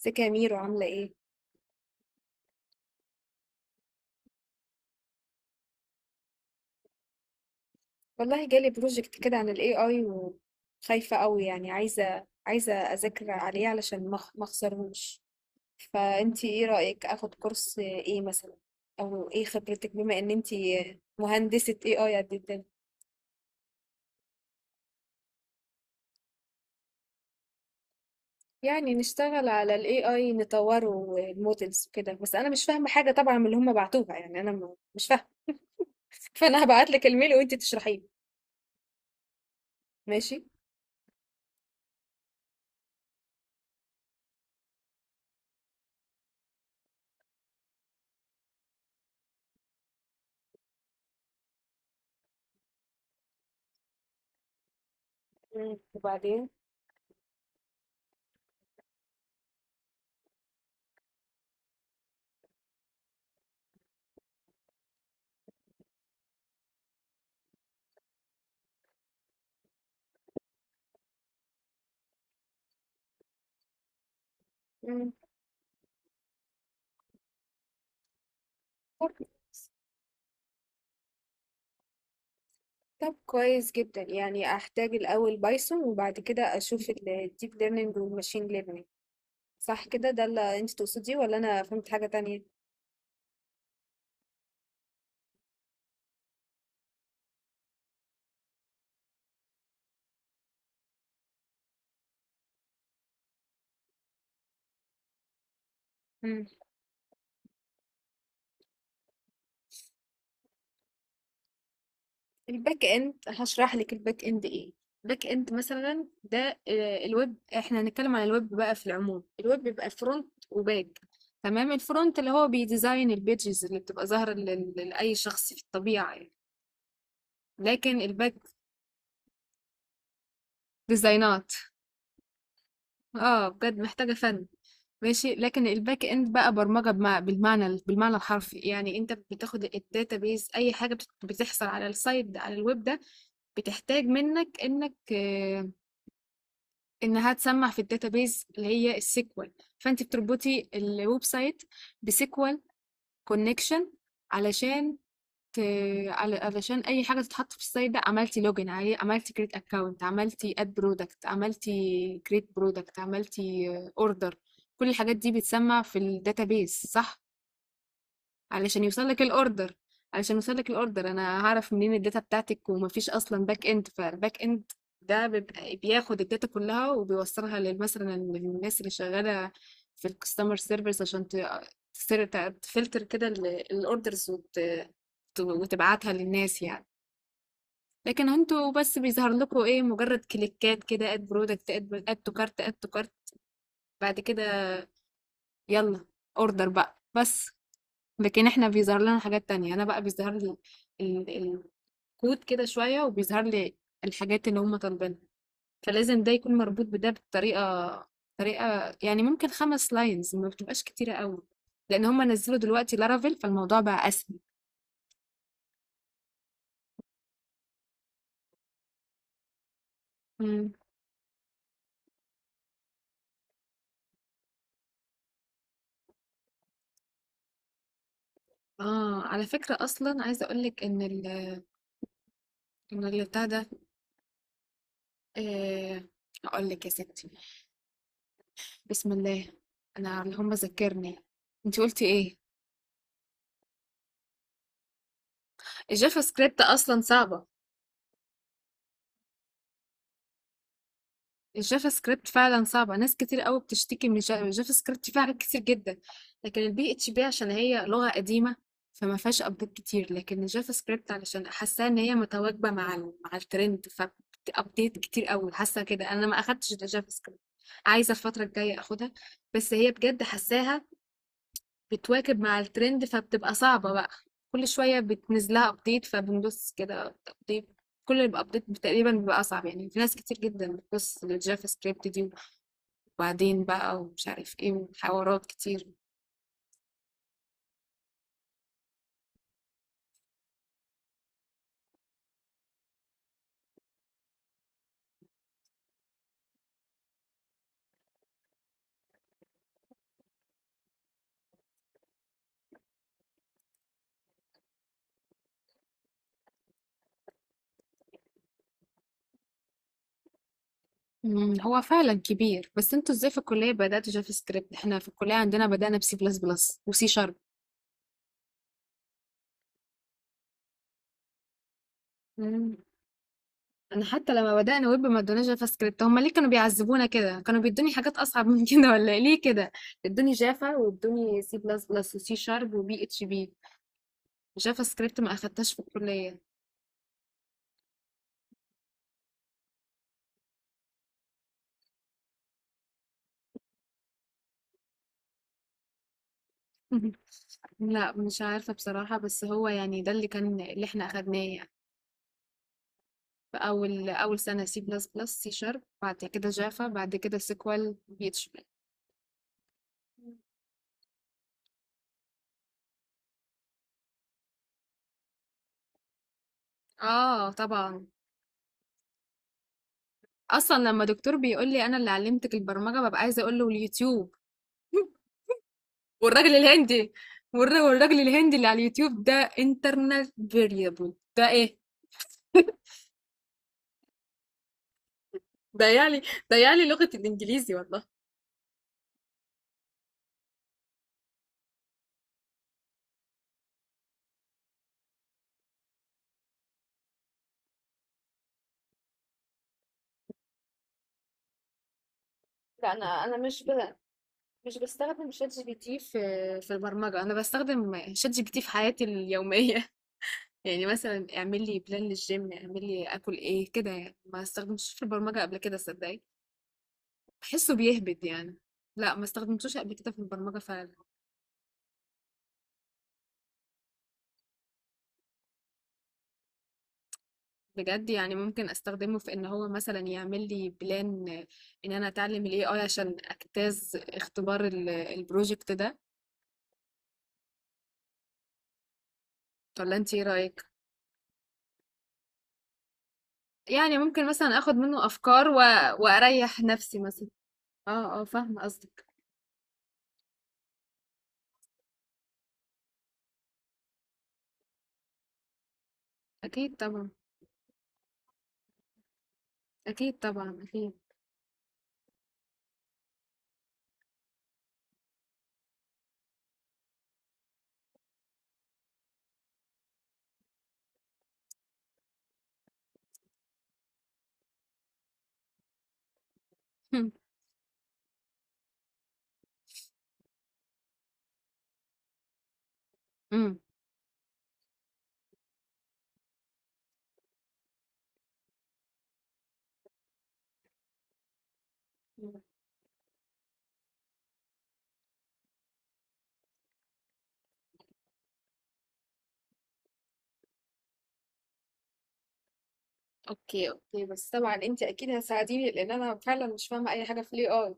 ازيك يا ميرو عاملة ايه؟ والله جالي بروجكت كده عن ال AI وخايفة قوي يعني عايزة أذاكر عليه علشان ما أخسرهوش. فأنتي ايه رأيك أخد كورس ايه مثلا؟ أو ايه خبرتك بما إن انتي مهندسة AI قد الدنيا؟ يعني نشتغل على ال AI نطوره والمودلز وكده، بس أنا مش فاهمة حاجة طبعا من اللي هم بعتوها، يعني أنا مش فاهمة. فأنا هبعتلك الميل وانتي تشرحيه. ماشي؟ مم. وبعدين؟ مم. طب كويس جدا، يعني احتاج الاول بايثون وبعد كده اشوف الديب ليرنينج والماشين ليرنينج. صح كده؟ ده اللي انت تقصديه ولا انا فهمت حاجة تانية؟ مم. الباك اند هشرح لك الباك اند ايه. الباك اند مثلا ده، الويب، احنا هنتكلم عن الويب بقى في العموم. الويب بيبقى فرونت وباك. تمام؟ الفرونت اللي هو بيديزاين البيجز اللي بتبقى ظاهرة لأي شخص في الطبيعة يعني. لكن الباك ديزاينات. اه بجد محتاجة فن. ماشي. لكن الباك اند بقى برمجة بالمعنى الحرفي، يعني انت بتاخد الداتابيز. اي حاجة بتحصل على السايت ده، على الويب ده، بتحتاج منك انك انها تسمع في الداتابيز اللي هي السيكوال. فانت بتربطي الويب سايت بسيكوال كونكشن علشان ت- علشان اي حاجه تتحط في السايت ده، عملتي لوجن عليه، عملتي كريت اكونت، عملتي اد برودكت، عملتي كريت برودكت، عملتي اوردر، كل الحاجات دي بتسمى في الداتابيس. صح؟ علشان يوصل لك الاوردر. انا هعرف منين الداتا بتاعتك؟ ومفيش اصلا باك اند. فالباك اند ده بيبقى بياخد الداتا كلها وبيوصلها مثلا للناس اللي شغاله في الكاستمر سيرفيس، عشان تفلتر كده الاوردرز وتبعتها للناس يعني. لكن انتوا بس بيظهر لكم ايه؟ مجرد كليكات كده: اد برودكت، اد تو كارت، اد تو كارت، بعد كده يلا اوردر بقى بس. لكن احنا بيظهر لنا حاجات تانية. انا بقى بيظهر لي ال- ال- الكود كده شوية، وبيظهر لي الحاجات اللي هم طالبينها، فلازم ده يكون مربوط بده بطريقة. يعني ممكن خمس لاينز، ما بتبقاش كتيرة قوي، لان هم نزلوا دلوقتي لارافيل فالموضوع بقى اسهل. مم. اه على فكرة، اصلا عايزة اقولك ان ال ان اللي بتاع ده آه اقول لك يا ستي. بسم الله. انا اللي هم ذكرني، انت قلتي ايه. الجافا سكريبت اصلا صعبة. الجافا سكريبت فعلا صعبة، ناس كتير قوي بتشتكي من الجافا. الجافا سكريبت فيها حاجات كتير جدا. لكن البي اتش بي عشان هي لغة قديمة، فما فيهاش ابديت كتير. لكن الجافا سكريبت، علشان حاساها ان هي متواكبة مع مع الترند، فابديت كتير قوي. حاسة كده. انا ما اخدتش الجافا سكريبت، عايزة الفترة الجاية اخدها. بس هي بجد حاساها بتواكب مع الترند فبتبقى صعبة بقى. كل شوية بتنزل لها ابديت، فبندوس كده ابديت. كل الابديت تقريبا بيبقى اصعب، يعني في ناس كتير جدا بتبص للجافا سكريبت دي وبعدين بقى ومش عارف ايه وحوارات كتير. مم، هو فعلا كبير. بس انتوا ازاي في الكلية بدأتوا جافا سكريبت؟ احنا في الكلية عندنا بدأنا بسي بلس بلس وسي شارب. انا حتى لما بدأنا ويب ما ادوناش جافا سكريبت. هما ليه كانوا بيعذبونا كده؟ كانوا بيدوني حاجات اصعب من كده ولا إيه؟ ليه كده ادوني جافا وادوني سي بلس بلس وسي شارب وبي اتش بي، جافا سكريبت ما اخدتهاش في الكلية. لا مش عارفة بصراحة، بس هو يعني ده اللي كان، اللي احنا اخدناه يعني في اول سنة: سي بلس بلس، سي شارب، بعد كده جافا، بعد كده سيكوال، بي اتش بي. اه طبعا. اصلا لما دكتور بيقول لي انا اللي علمتك البرمجة، ببقى عايزة اقول له: اليوتيوب، والراجل الهندي. والراجل الهندي اللي على اليوتيوب ده، انترنال فيريبل ده ايه؟ ده يعني ده يعني لغة الانجليزي والله. لا انا مش بستخدم شات جي بي تي في البرمجة. أنا بستخدم شات جي بي تي في حياتي اليومية. يعني مثلا اعمل لي بلان للجيم، اعمل لي أكل إيه كده يعني. ما استخدمتوش في البرمجة قبل كده، صدقني، بحسه بيهبد يعني. لا ما استخدمتوش قبل كده في البرمجة فعلا. بجد يعني ممكن استخدمه في ان هو مثلا يعمل لي بلان ان انا اتعلم الاي اي عشان اجتاز اختبار البروجكت ده، ولا انت ايه رايك؟ يعني ممكن مثلا اخد منه افكار واريح نفسي مثلا. اه اه، فاهمه قصدك. اكيد طبعا. اكيد طبعا اكيد. امم. اوكي اوكي، بس طبعا انت اكيد هتساعديني لان انا فعلا مش فاهمه اي حاجه في الاي اي.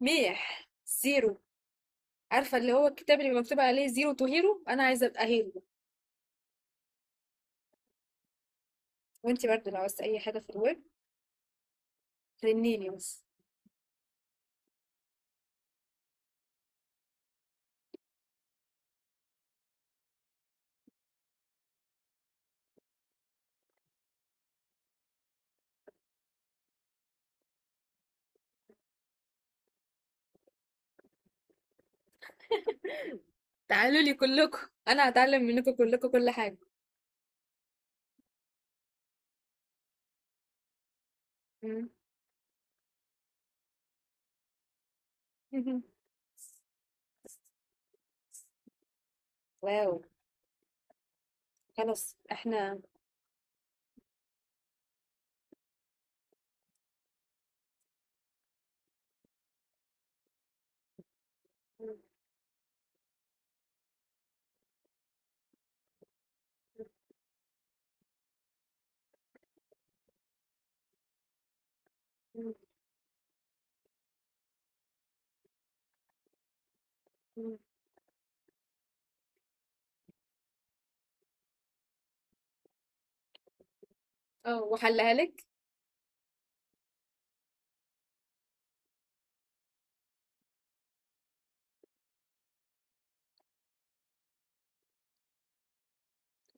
ميح زيرو. عارفه اللي هو الكتاب اللي بيبقى مكتوب عليه زيرو تو هيرو، انا عايزه ابقى هيرو. وانتي برضه لو عاوزتي اي حاجة في الويب رنيني بس. تعالوا لي كلكم، انا هتعلم منكم كلكم كل حاجه. مم. واو. خلاص احنا. اه وحلها لك.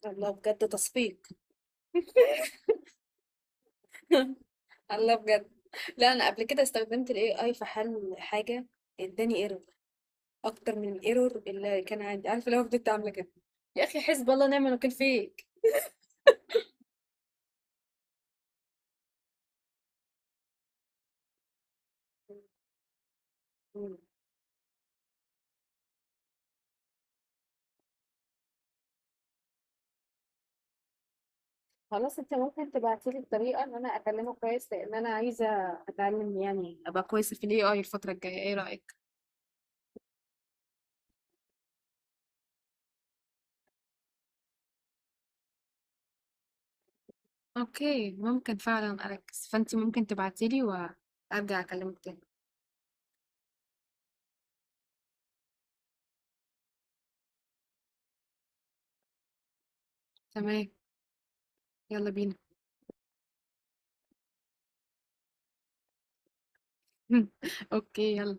الله بجد تصفيق. الله بجد. لا انا قبل كده استخدمت الاي اي في حل حاجة، اداني ايرور اكتر من الايرور اللي كان عندي. عارفة لو فضلت عاملة كده؟ يا اخي حسب الله ونعم الوكيل فيك. مم. خلاص، انت ممكن تبعتي لي الطريقه ان انا اكلمه كويس، لان انا عايزه اتعلم يعني ابقى كويسه في الاي اي الفتره الجايه. ايه رايك؟ اوكي ممكن فعلا اركز. فانت ممكن تبعتي لي وارجع اكلمك تاني. تمام؟ يلا بينا. اوكي يلا.